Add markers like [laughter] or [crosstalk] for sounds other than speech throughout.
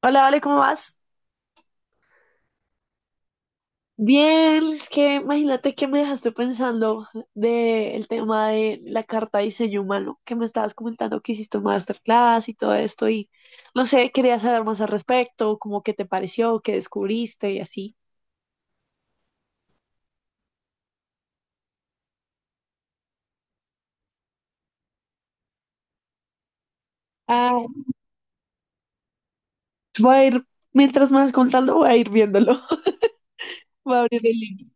Hola, Vale, ¿cómo vas? Bien, es que imagínate que me dejaste pensando del tema de la carta de diseño humano, que me estabas comentando que hiciste un masterclass y todo esto, y no sé, quería saber más al respecto, como qué te pareció, qué descubriste y así. Ah, voy a ir, mientras me vas contando, voy a ir viéndolo. [laughs] Voy a abrir el link.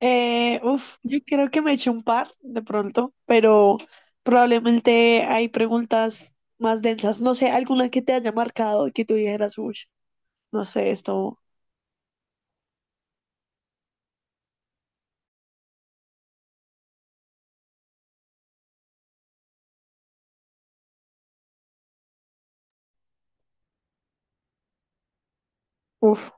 Yo creo que me eché un par de pronto, pero probablemente hay preguntas más densas. No sé, alguna que te haya marcado y que tú dijeras, uy, no sé, esto, uf.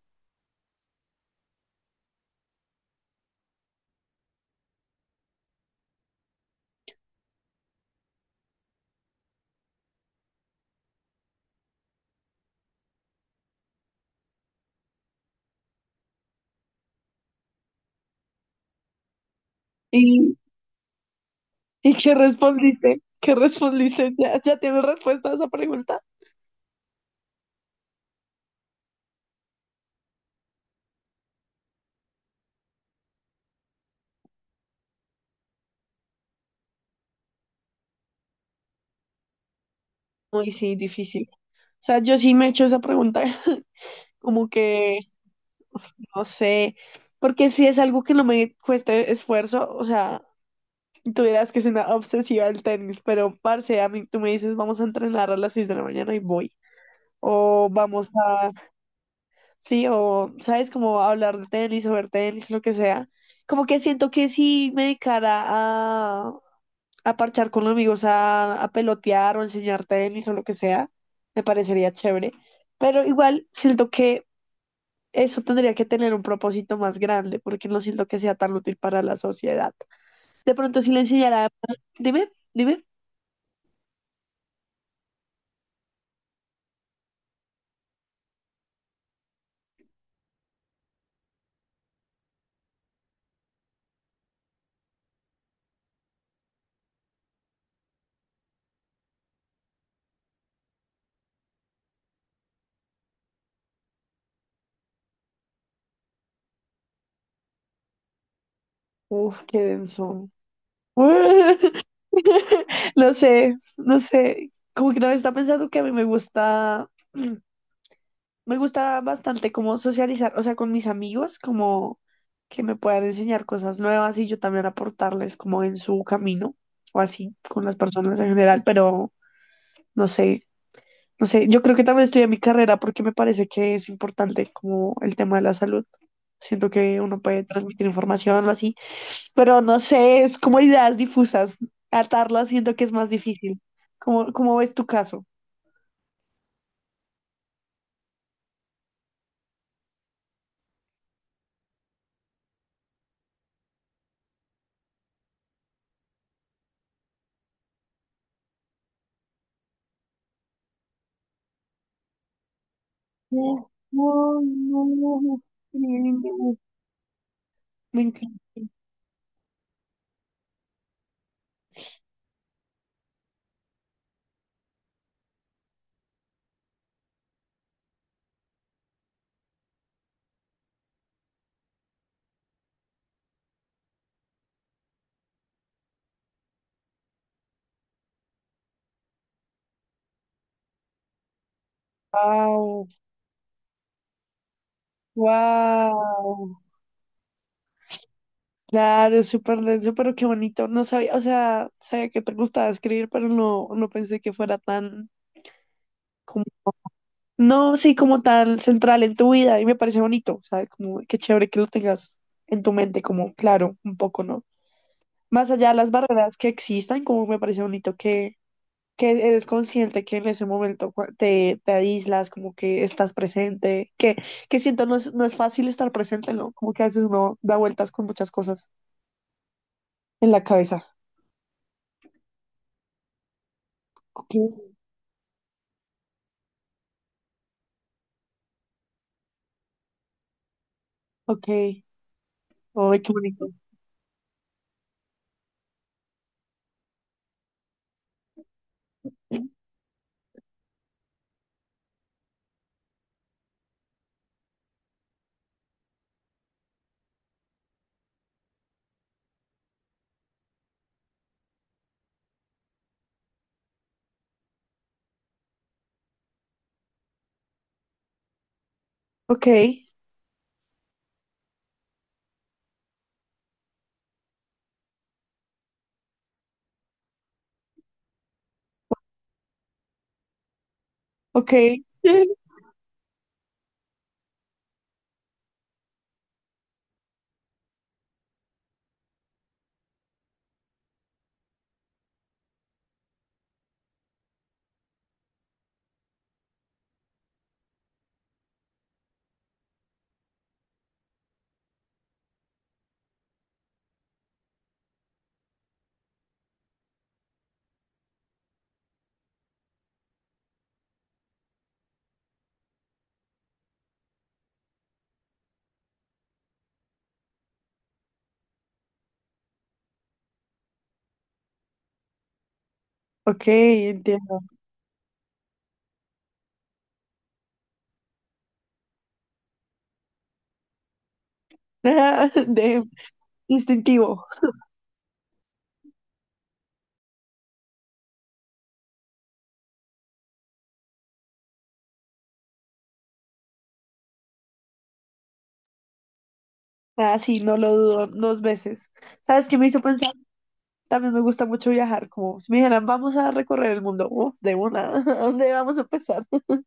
¿Y, y qué respondiste? ¿Qué respondiste? ¿Ya tienes respuesta a esa pregunta? Uy, sí, difícil. O sea, yo sí me he hecho esa pregunta. [laughs] Como que, uf, no sé, porque si es algo que no me cueste esfuerzo, o sea, tú dirás que es una obsesiva del tenis, pero parce, a mí tú me dices, vamos a entrenar a las 6 de la mañana y voy. O vamos a, sí, o sabes, como hablar de tenis o ver tenis, lo que sea. Como que siento que si me dedicara a parchar con los amigos, a pelotear o enseñar tenis o lo que sea, me parecería chévere. Pero igual siento que eso tendría que tener un propósito más grande, porque no siento que sea tan útil para la sociedad. De pronto, si le enseñara, dime, dime. Uf, qué denso. [laughs] No sé, no sé. Como que no está pensando que a mí me gusta, [clears throat] me gusta bastante como socializar, o sea, con mis amigos, como que me puedan enseñar cosas nuevas y yo también aportarles como en su camino o así con las personas en general, pero no sé, no sé. Yo creo que también estudié mi carrera porque me parece que es importante como el tema de la salud. Siento que uno puede transmitir información o así. Pero no sé, es como ideas difusas. Atarlas siento que es más difícil. ¿Cómo ves tu caso? No, no, no, no. Me encanta. Wow, wow. Claro, súper denso, pero qué bonito. No sabía, o sea, sabía que te gustaba escribir, pero no, no pensé que fuera tan como, no, sí, como tan central en tu vida y me parece bonito, o sea, como qué chévere que lo tengas en tu mente, como claro, un poco, ¿no? Más allá de las barreras que existan, como me parece bonito que eres consciente que en ese momento cua- te aíslas, como que estás presente, que siento no es, no es fácil estar presente, ¿no? Como que a veces uno da vueltas con muchas cosas en la cabeza. Ok, ok, ay, qué bonito. Ok, ok, [laughs] ok, entiendo. [laughs] De instintivo. Ah, sí, no lo dudo dos veces. ¿Sabes qué me hizo pensar? También me gusta mucho viajar, como si me dijeran, vamos a recorrer el mundo, uf, de una. [laughs] ¿A dónde vamos a empezar? [laughs]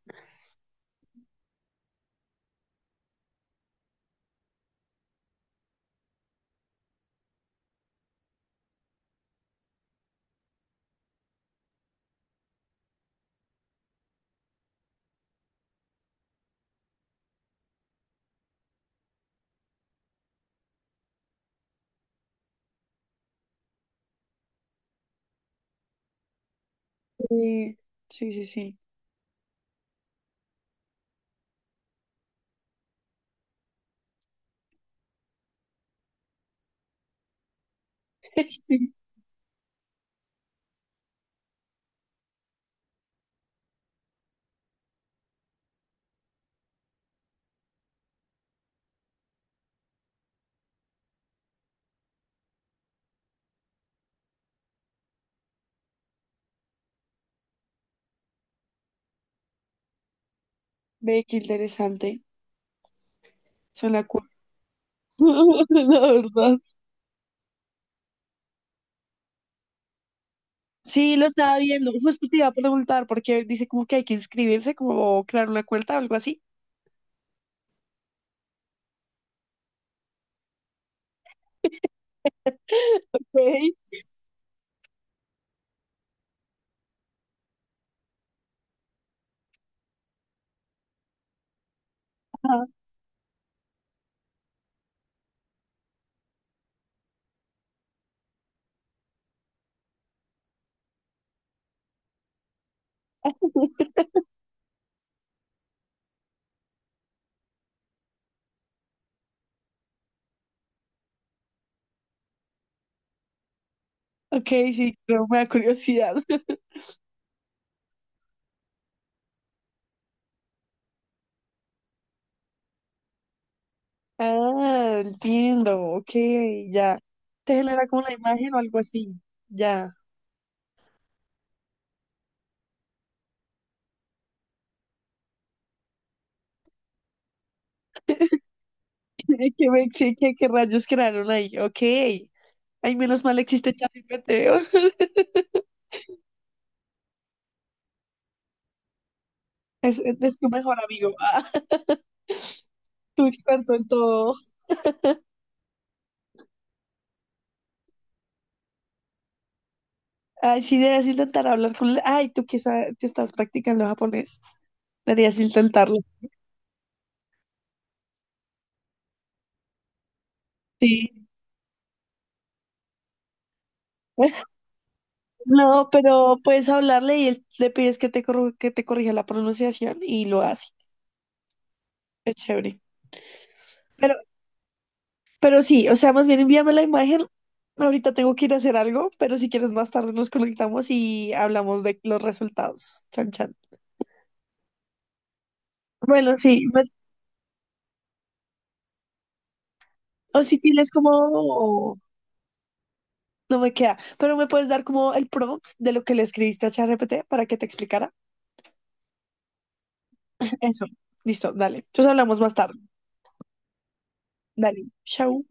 Sí, sí, sí, sí. Sí. Ve qué interesante, suena cool, [laughs] la verdad. Sí, lo estaba viendo, justo te iba a preguntar, porque dice como que hay que inscribirse, como crear una cuenta o algo así. [laughs] Ok, ajá. Ok, sí, pero me da curiosidad. [laughs] Ah, entiendo, ok, ya. Te genera como la imagen o algo así, ya. Ay, ¿qué, me- sí, qué, qué rayos crearon ahí? Ok. Ay, menos mal existe ChatGPT. [laughs] Es tu mejor amigo, ah, [laughs] tu experto en todo. Ay, sí, deberías intentar hablar con él. Ay, tú que, sa- que estás practicando japonés, deberías intentarlo. Sí. [laughs] No, pero puedes hablarle y él- le pides que te, corru- que te corrija la pronunciación y lo hace. Es chévere. pero Pero sí, o sea, más bien envíame la imagen. Ahorita tengo que ir a hacer algo, pero si quieres más tarde nos conectamos y hablamos de los resultados. Chan, chan. Bueno, sí, me- o si tienes como... No me queda, pero me puedes dar como el prompt de lo que le escribiste a ChatGPT para que te explicara. Eso, listo, dale. Entonces hablamos más tarde. Dale, chao.